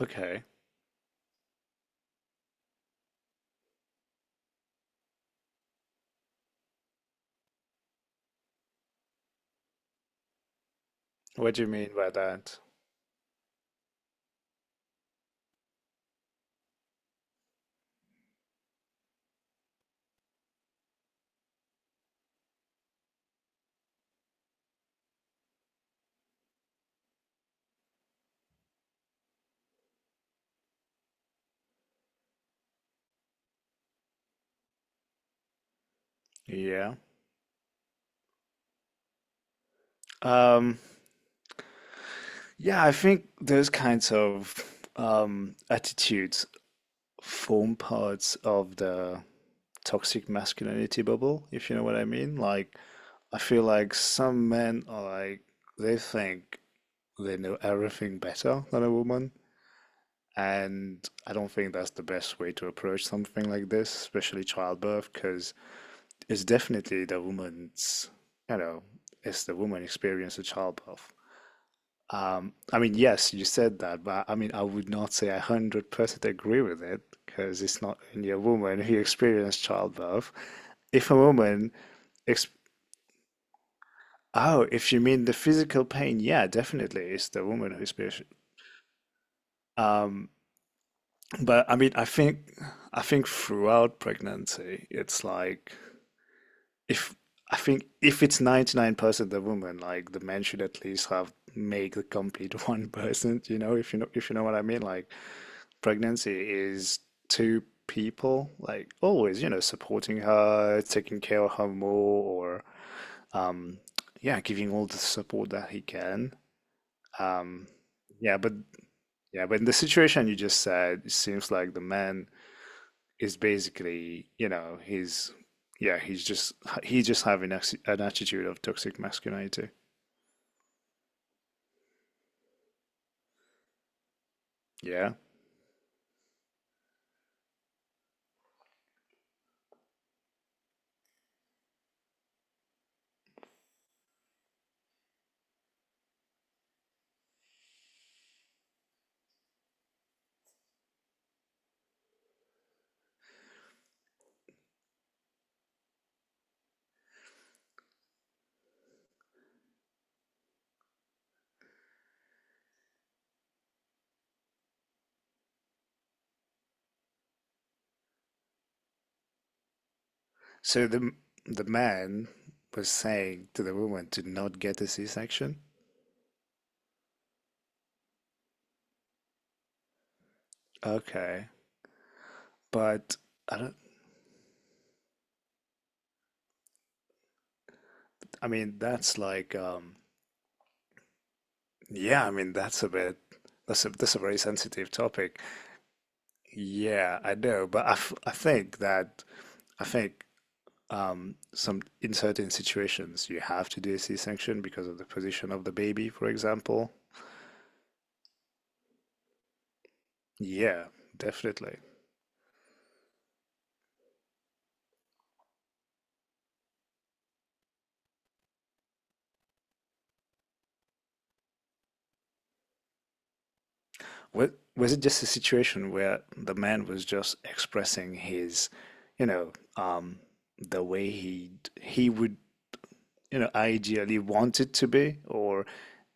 Okay. What do you mean by that? Yeah. Um, yeah, I think those kinds of attitudes form parts of the toxic masculinity bubble, if you know what I mean. Like, I feel like some men are like, they think they know everything better than a woman. And I don't think that's the best way to approach something like this, especially childbirth, because it's definitely the woman's, you know, it's the woman experience of childbirth. I mean, yes, you said that, but I mean, I would not say I 100% agree with it because it's not only a woman who experienced childbirth. If a woman, ex oh, if you mean the physical pain, yeah, definitely it's the woman who experienced. Um, but I mean, I think throughout pregnancy, it's like if I think if it's 99% the woman, like the man should at least have make the complete 1%, you know, if you know, if you know what I mean, like. Pregnancy is two people like always, you know, supporting her, taking care of her more, or yeah, giving all the support that he can. Um, yeah, but yeah, but in the situation you just said, it seems like the man is basically, you know, yeah, he's just he's just having an attitude of toxic masculinity. Yeah. So the man was saying to the woman to not get a C-section. Okay. But I don't, I mean, that's like, yeah, I mean, that's a bit, that's a very sensitive topic. Yeah, I know, but I, f I think in certain situations, you have to do a C-section because of the position of the baby, for example. Yeah, definitely. Was, was it just a situation where the man was just expressing his, you know, the way he would, you know, ideally want it to be, or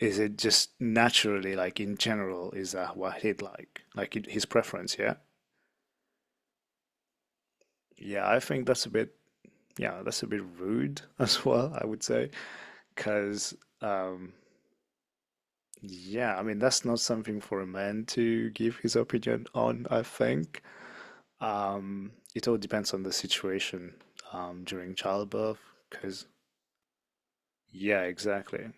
is it just naturally, like in general, is that what he'd like, his preference? Yeah, yeah. I think that's a bit, yeah, that's a bit rude as well. I would say, because, um, yeah, I mean, that's not something for a man to give his opinion on, I think. It all depends on the situation during childbirth, because, yeah, exactly.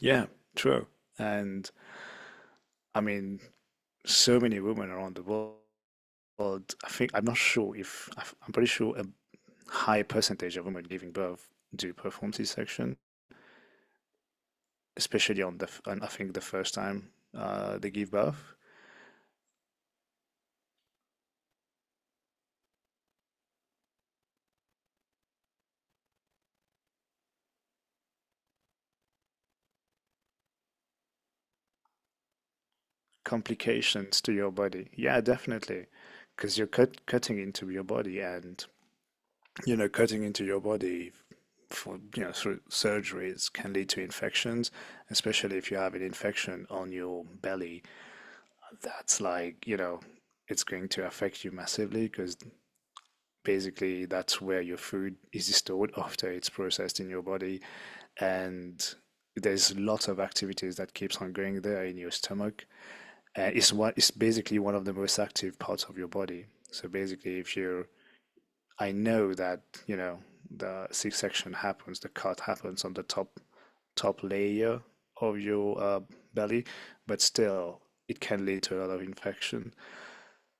Yeah, true. And I mean, so many women around the world, I think, I'm not sure if, I'm pretty sure a high percentage of women giving birth do perform C-section, especially on on, I think, the first time they give birth. Complications to your body. Yeah, definitely. Because you're cutting into your body and, you know, cutting into your body for you know through surgeries can lead to infections, especially if you have an infection on your belly that's like you know it's going to affect you massively because basically that's where your food is stored after it's processed in your body, and there's lots of activities that keeps on going there in your stomach. It's what it's basically one of the most active parts of your body. So basically if you're, I know that, you know, the six section happens, the cut happens on the top layer of your belly, but still it can lead to a lot of infection.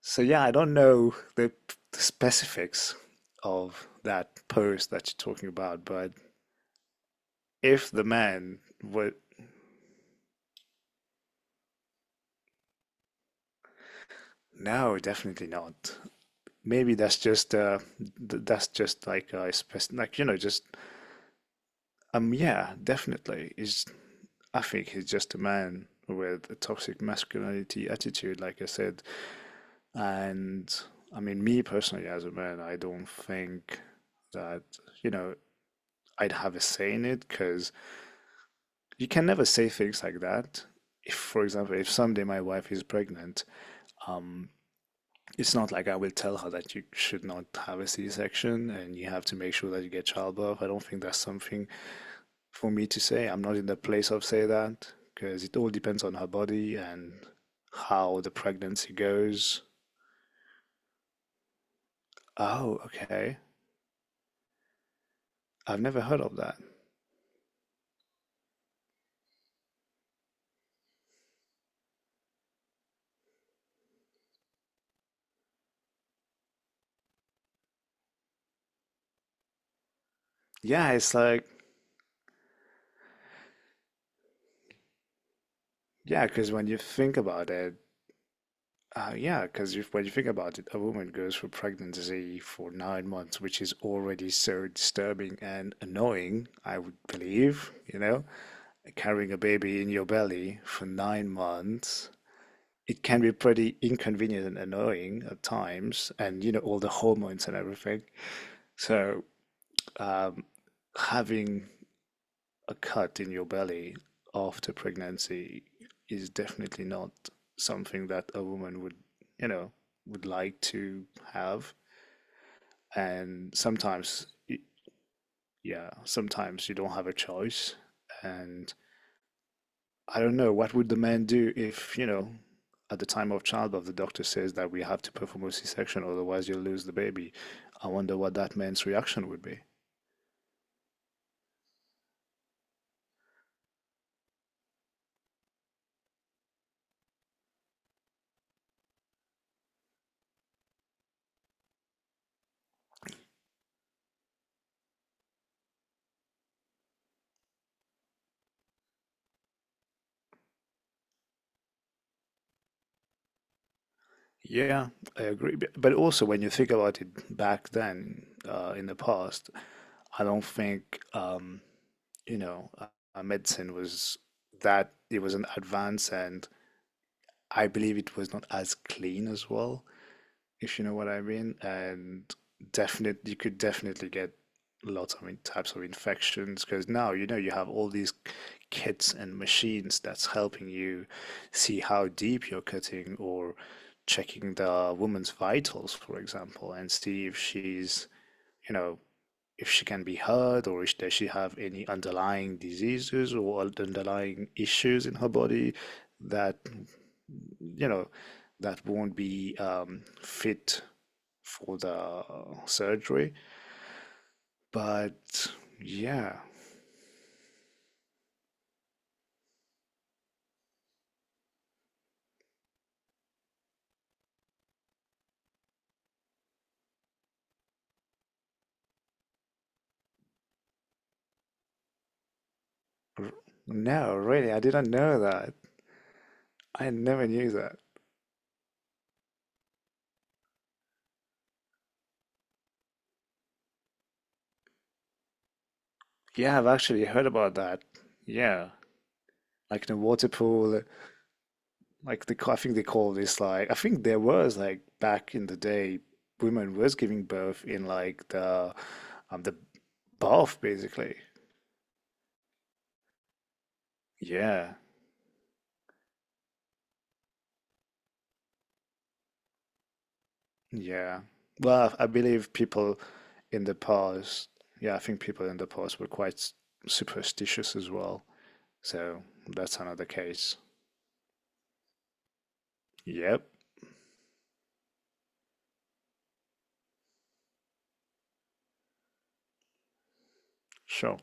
So yeah, I don't know the specifics of that post that you're talking about, but if the man would, no, definitely not. Maybe that's just like a spec, like you know, just yeah, definitely. It's I think he's just a man with a toxic masculinity attitude, like I said. And I mean, me personally, as a man, I don't think that, you know, I'd have a say in it because you can never say things like that. If, for example, if someday my wife is pregnant, um, it's not like I will tell her that you should not have a C-section and you have to make sure that you get childbirth. I don't think that's something for me to say. I'm not in the place of say that because it all depends on her body and how the pregnancy goes. Oh, okay. I've never heard of that. Yeah, it's like yeah, because when you think about it, yeah, because when you think about it, a woman goes through pregnancy for 9 months, which is already so disturbing and annoying, I would believe, you know, carrying a baby in your belly for 9 months. It can be pretty inconvenient and annoying at times, and you know, all the hormones and everything. So, um, having a cut in your belly after pregnancy is definitely not something that a woman would, you know, would like to have. And sometimes, yeah, sometimes you don't have a choice, and I don't know, what would the man do if, you know, at the time of childbirth, the doctor says that we have to perform a C-section, otherwise you'll lose the baby. I wonder what that man's reaction would be. Yeah, I agree. But also, when you think about it back then, in the past, I don't think, you know, medicine was it was an advance, and I believe it was not as clean as well, if you know what I mean. And you could definitely get lots of types of infections, because now you know you have all these kits and machines that's helping you see how deep you're cutting or checking the woman's vitals, for example, and see if she's, you know, if she can be hurt or if does she have any underlying diseases or underlying issues in her body that you know, that won't be fit for the surgery. But yeah, no, really, I didn't know that. I never knew that. Yeah, I've actually heard about that. Yeah, like the water pool, like the I think they call this like I think there was like back in the day, women was giving birth in like the the bath basically. Yeah, yeah. Well, I believe people in the past, yeah, I think people in the past were quite superstitious as well. So that's another case. Yep, sure.